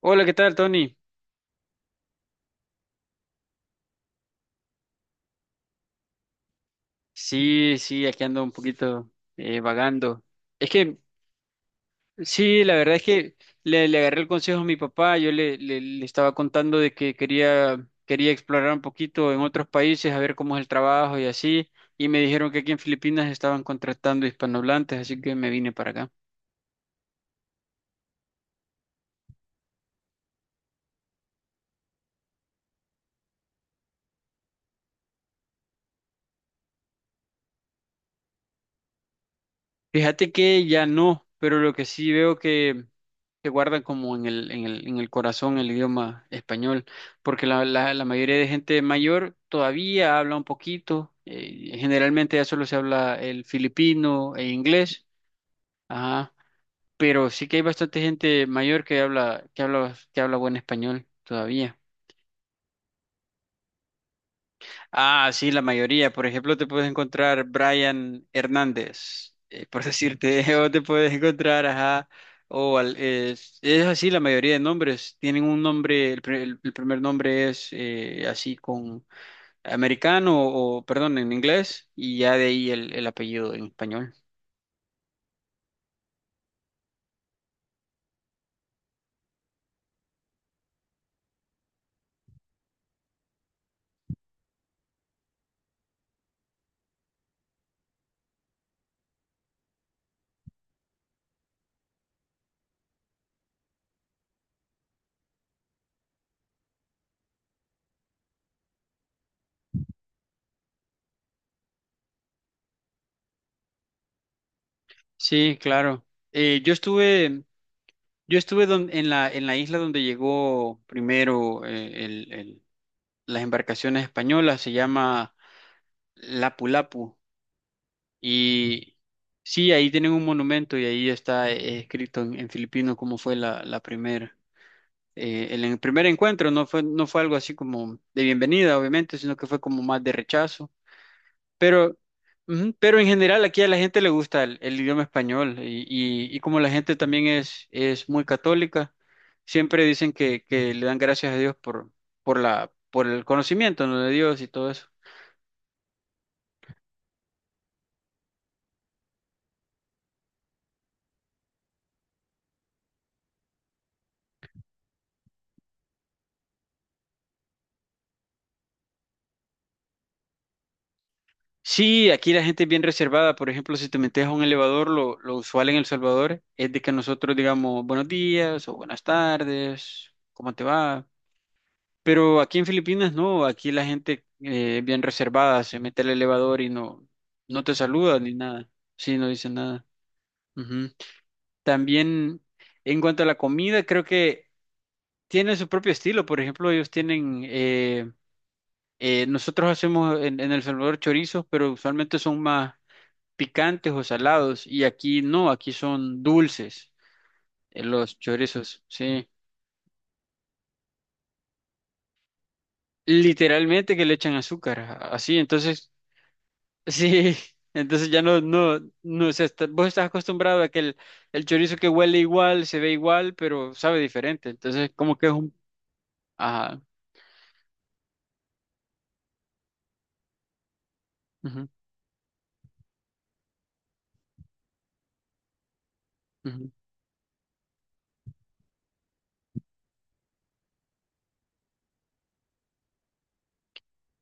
Hola, ¿qué tal, Tony? Sí, sí, aquí ando un poquito vagando. Es que, sí, la verdad es que le agarré el consejo a mi papá. Yo le estaba contando de que quería explorar un poquito en otros países, a ver cómo es el trabajo y así. Y me dijeron que aquí en Filipinas estaban contratando hispanohablantes, así que me vine para acá. Fíjate que ya no, pero lo que sí veo que se guardan como en el corazón el idioma español, porque la mayoría de gente mayor todavía habla un poquito, generalmente ya solo se habla el filipino e inglés, ajá, pero sí que hay bastante gente mayor que que habla buen español todavía. Ah, sí, la mayoría. Por ejemplo, te puedes encontrar Brian Hernández, por decirte, o te puedes encontrar, ajá, es así la mayoría de nombres. Tienen un nombre, el primer nombre es así con americano o, perdón, en inglés, y ya de ahí el apellido en español. Sí, claro. Eh, yo estuve, yo estuve en en la isla donde llegó primero las embarcaciones españolas, se llama Lapu-Lapu. Y sí, ahí tienen un monumento y ahí está escrito en filipino cómo fue la primera. Primer encuentro no fue, no fue algo así como de bienvenida, obviamente, sino que fue como más de rechazo. Pero, ujú, pero en general aquí a la gente le gusta el idioma español y, y como la gente también es muy católica, siempre dicen que le dan gracias a Dios por, por el conocimiento, ¿no? De Dios y todo eso. Sí, aquí la gente es bien reservada. Por ejemplo, si te metes a un elevador, lo usual en El Salvador es de que nosotros digamos buenos días o buenas tardes, ¿cómo te va? Pero aquí en Filipinas no, aquí la gente es bien reservada, se mete al elevador y no, no te saluda ni nada. Sí, no dice nada. Ujú. También en cuanto a la comida, creo que tienen su propio estilo. Por ejemplo, ellos tienen, nosotros hacemos en El Salvador chorizos, pero usualmente son más picantes o salados y aquí no, aquí son dulces los chorizos, sí. Literalmente que le echan azúcar, así, entonces, sí, entonces ya no, no, no, o sea, vos estás acostumbrado a que el chorizo que huele igual, se ve igual, pero sabe diferente, entonces como que es un... Ajá, ujú, ujú.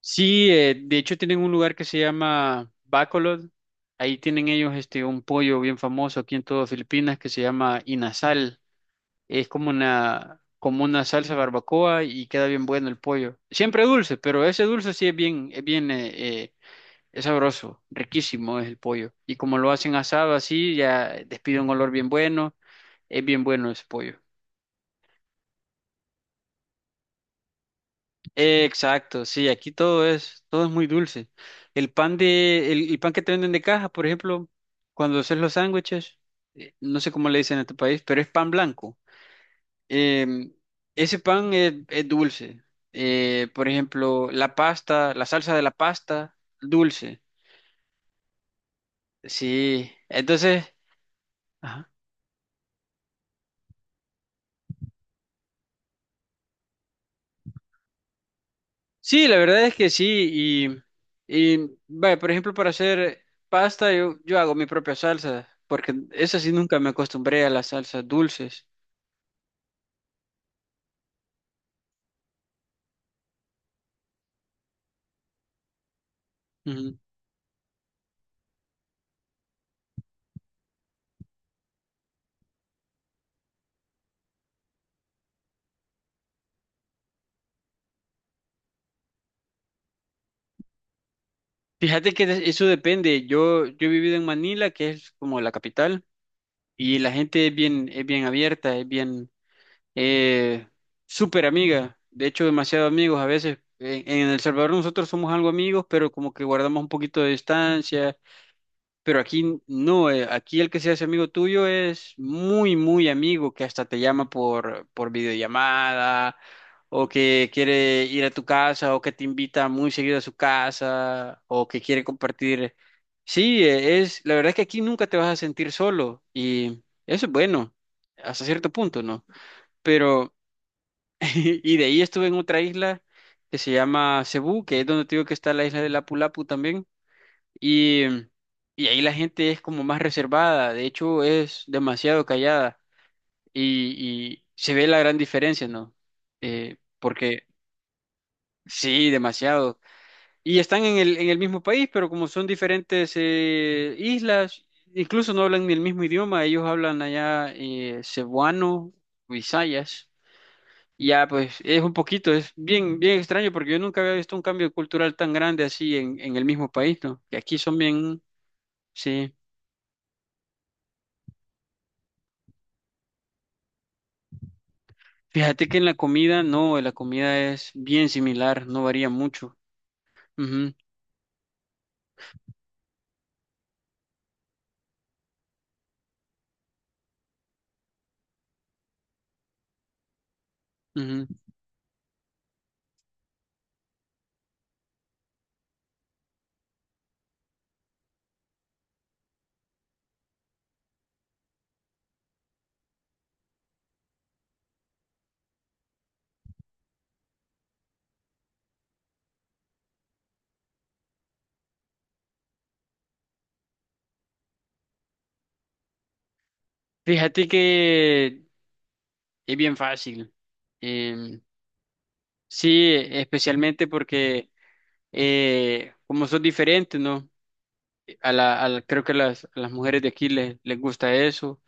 Sí, de hecho tienen un lugar que se llama Bacolod, ahí tienen ellos este, un pollo bien famoso aquí en todo Filipinas que se llama inasal. Es como una salsa barbacoa y queda bien bueno el pollo. Siempre dulce, pero ese dulce sí es bien, eh, es sabroso, riquísimo es el pollo. Y como lo hacen asado así, ya despide un olor bien bueno, es bien bueno ese pollo. Exacto, sí, aquí todo es muy dulce. El pan que te venden de caja, por ejemplo, cuando haces los sándwiches, no sé cómo le dicen en tu país, pero es pan blanco. Em, Ese pan es dulce. Por ejemplo, la pasta, la salsa de la pasta, dulce. Sí, entonces, ajá. Sí, la verdad es que sí. Y, y vaya, por ejemplo, para hacer pasta, yo hago mi propia salsa, porque eso sí nunca me acostumbré a las salsas dulces. Ujú. Fíjate que eso depende. Yo he vivido en Manila, que es como la capital, y la gente es bien abierta, es bien. eh, Súper amiga, de hecho demasiado amigos a veces. En El Salvador nosotros somos algo amigos, pero como que guardamos un poquito de distancia, pero aquí no, aquí el que se hace amigo tuyo es muy, muy amigo, que hasta te llama por videollamada, o que quiere ir a tu casa, o que te invita muy seguido a su casa, o que quiere compartir. Sí, es, la verdad es que aquí nunca te vas a sentir solo y eso es bueno, hasta cierto punto, ¿no? Pero... Y de ahí estuve en otra isla que se llama Cebú, que es donde te digo que está la isla de Lapu Lapu también. Y, y ahí la gente es como más reservada, de hecho es demasiado callada y se ve la gran diferencia, ¿no? Porque sí, demasiado. Y están en el mismo país, pero como son diferentes islas, incluso no hablan ni el mismo idioma, ellos hablan allá cebuano, o bisayas. Ya, pues es un poquito, es bien, bien extraño porque yo nunca había visto un cambio cultural tan grande así en el mismo país, ¿no? Que aquí son bien, sí. Fíjate que en la comida, no, en la comida es bien similar, no varía mucho. Ujú, ujú. Fíjate que es bien fácil. Em, sí, especialmente porque como son diferentes, ¿no? Creo que a a las mujeres de aquí les gusta eso.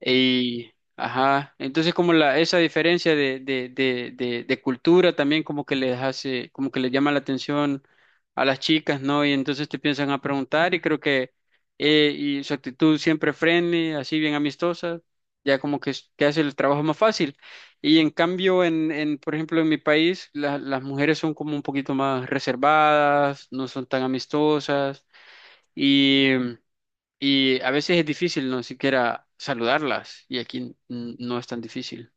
Y, ajá, entonces como la, esa diferencia de cultura también como que les hace, como que les llama la atención a las chicas, ¿no? Y entonces te piensan a preguntar y creo que, y su actitud siempre friendly, así bien amistosa, ya como que, que hace el trabajo más fácil. Y en cambio, por ejemplo, en mi país, las mujeres son como un poquito más reservadas, no son tan amistosas. Y a veces es difícil no siquiera saludarlas y aquí no es tan difícil.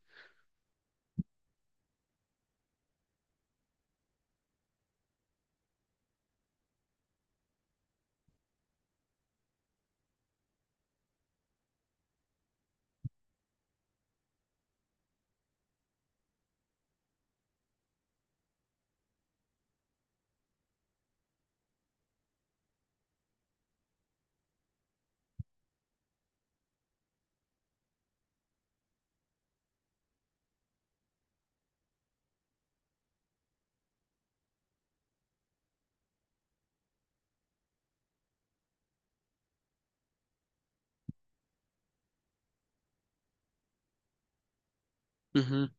Ujú.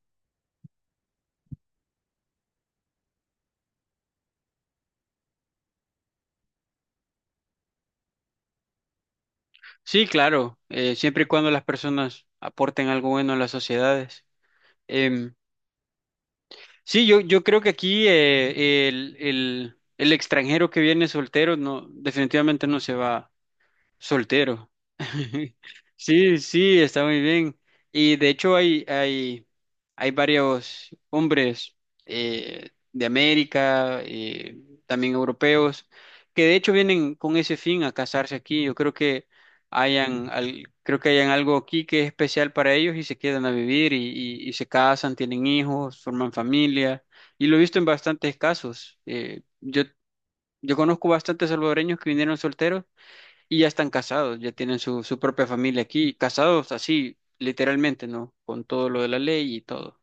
Sí, claro, siempre y cuando las personas aporten algo bueno a las sociedades. Em, sí, yo creo que aquí el extranjero que viene soltero no, definitivamente no se va. Soltero. Sí, sí, está muy bien. Y de hecho hay varios hombres de América, también europeos, que de hecho vienen con ese fin a casarse aquí. Yo creo que creo que hayan algo aquí que es especial para ellos y se quedan a vivir y, y se casan, tienen hijos, forman familia. Y lo he visto en bastantes casos. Yo conozco bastantes salvadoreños que vinieron solteros y ya están casados, ya tienen su, su propia familia aquí, casados así, literalmente, ¿no? Con todo lo de la ley y todo.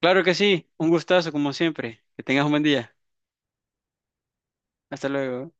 Claro que sí, un gustazo como siempre. Que tengas un buen día. Hasta luego.